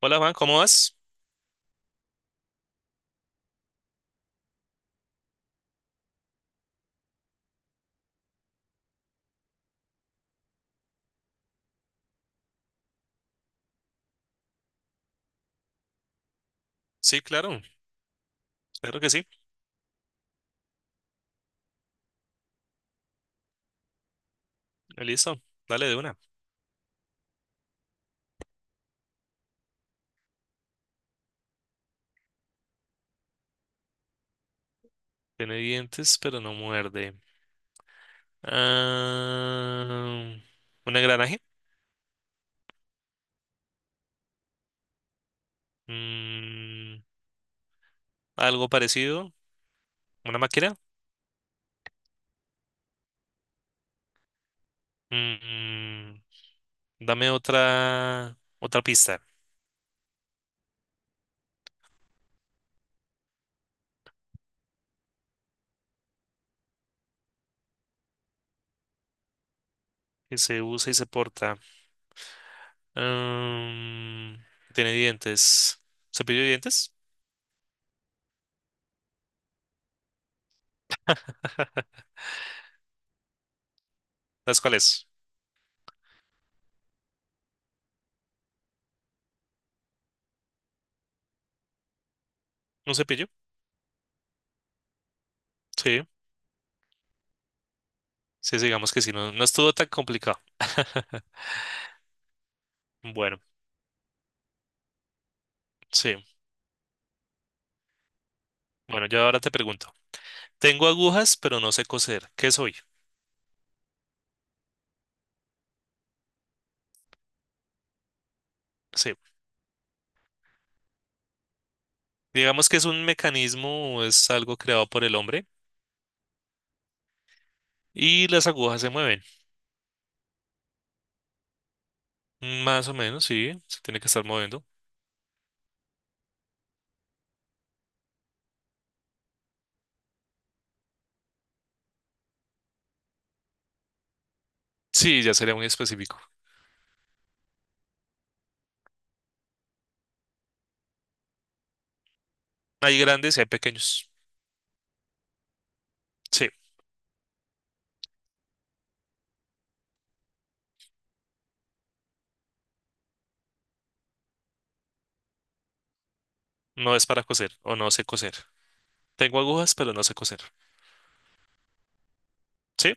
Hola Juan, ¿cómo vas? Sí, claro, claro que sí. Listo, dale de una. Tiene dientes, pero no muerde. Ah, ¿un engranaje? Mm, ¿Algo parecido? ¿Una máquina? Mm, dame otra pista. Que se usa y se porta. Ah, tiene dientes. ¿Cepillo de dientes? ¿Las cuáles? ¿Un cepillo? Sí, sí, sí, digamos que sí. No, no estuvo tan complicado. Bueno, sí. Bueno, yo ahora te pregunto. Tengo agujas, pero no sé coser. ¿Qué soy? Sí. Digamos que es un mecanismo, es algo creado por el hombre y las agujas se mueven. Más o menos, sí. Se tiene que estar moviendo. Sí, ya sería muy específico. Hay grandes y hay pequeños. Sí. No es para coser o no sé coser. Tengo agujas, pero no sé coser. Sí.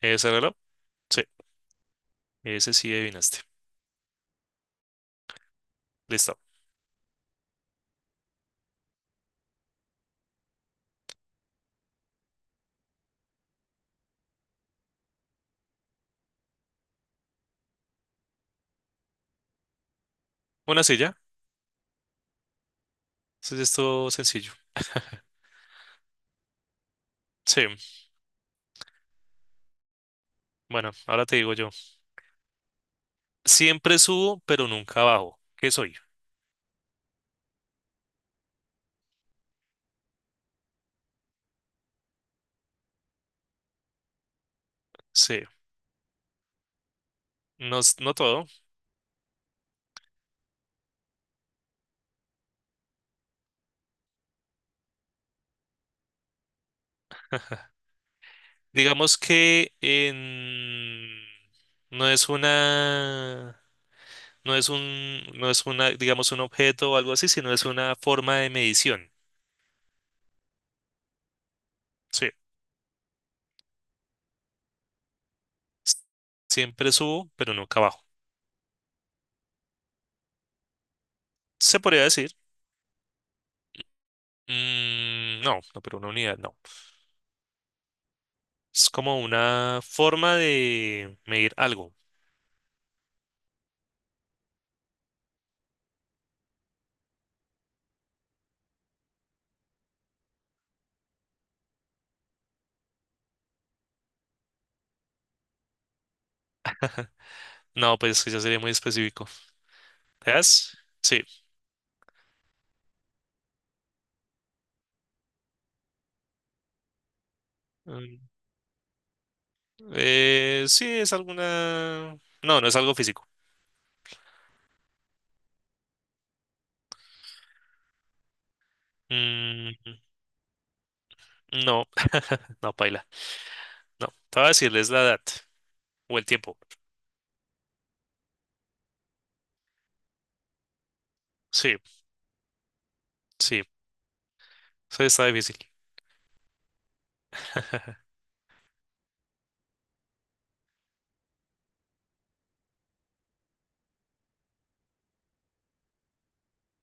¿Ese reloj? Sí. Ese sí adivinaste. Listo. Una silla. Es esto sencillo. Sí. Bueno, ahora te digo yo. Siempre subo, pero nunca bajo. ¿Qué soy? Sí. No todo. Digamos que no es una, no es una, digamos, un objeto o algo así, sino es una forma de medición. Sí. S- Siempre subo, pero nunca bajo. Se podría decir. Mm, no, no, pero una unidad no. Es como una forma de medir algo. No, pues es que ya sería muy específico. ¿Es? Sí. Mm, sí, es alguna. No, no es algo físico. Mm, no, no, paila. No, te voy a decir, la edad o el tiempo. Sí, sí, eso está difícil.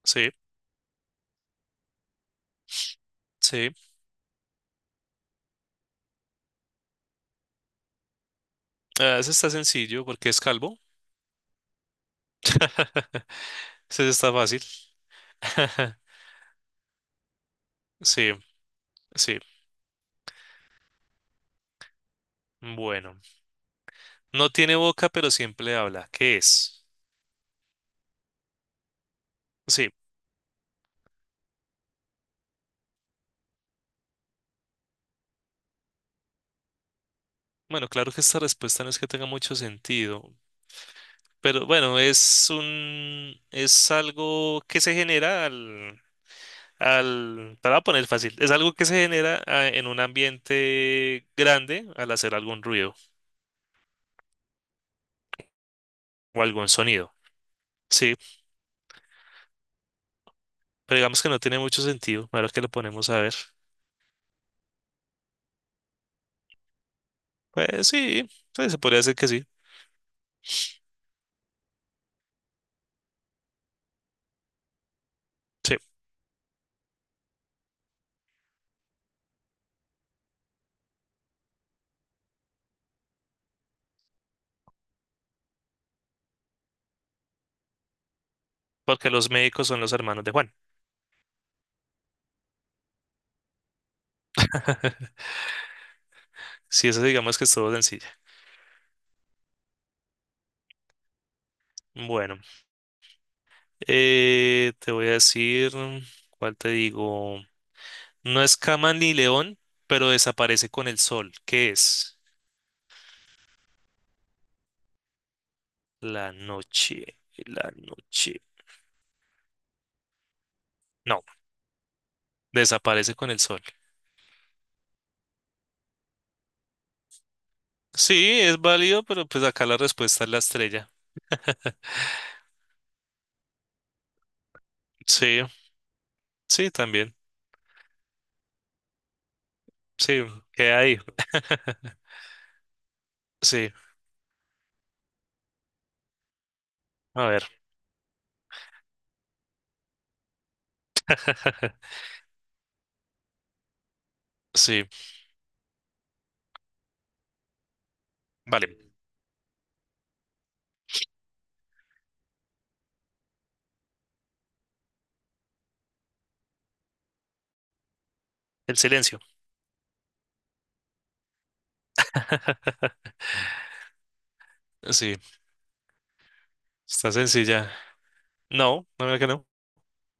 Sí, sí. Ah, ese está sencillo porque es calvo. Ese está fácil. Sí, sí. Bueno, no tiene boca, pero siempre habla. ¿Qué es? Sí, bueno, claro que esta respuesta no es que tenga mucho sentido, pero bueno, es un, es algo que se genera te la voy a poner fácil. Es algo que se genera en un ambiente grande al hacer algún ruido o algún sonido. Sí, pero digamos que no tiene mucho sentido. Ahora que lo ponemos a ver. Pues sí, pues se podría decir que sí. Sí, porque los médicos son los hermanos de Juan. Sí, eso digamos que es todo sencillo. Bueno, te voy a decir, ¿cuál te digo? No es cama ni león, pero desaparece con el sol. ¿Qué es? La noche, la noche. No. Desaparece con el sol. Sí, es válido, pero pues acá la respuesta es la estrella. Sí, sí, también. Sí, queda ahí. Sí, a ver. Sí, vale. El silencio. Sí, está sencilla. No, no, mira que no.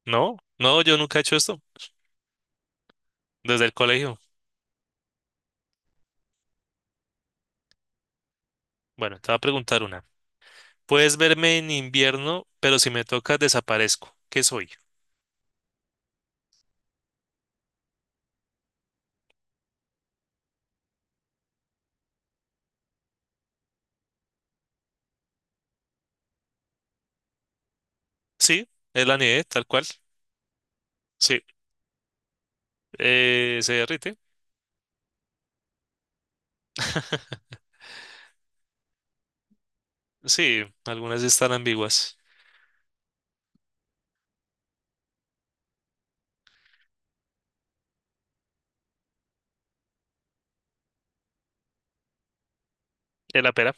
No, no, yo nunca he hecho esto. Desde el colegio. Bueno, te voy a preguntar una. Puedes verme en invierno, pero si me tocas desaparezco. ¿Qué soy? Sí, es la nieve, tal cual. Sí, se derrite. Sí, algunas sí están ambiguas. De la pera.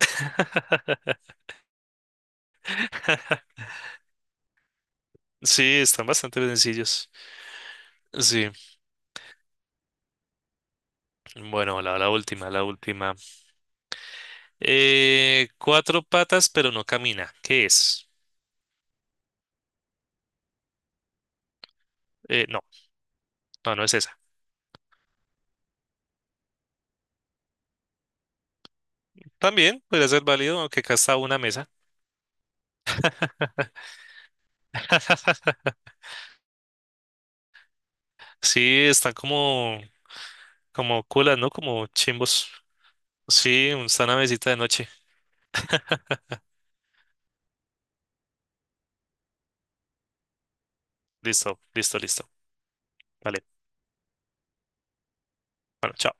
Sí, están bastante sencillos. Sí. Bueno, la última, la última. Cuatro patas, pero no camina. ¿Qué es? No, no, no es esa. También podría ser válido, aunque acá está una mesa. Sí, están como, como culas, ¿no? Como chimbos. Sí, está una mesita de noche. Listo, listo, listo. Vale. Bueno, chao.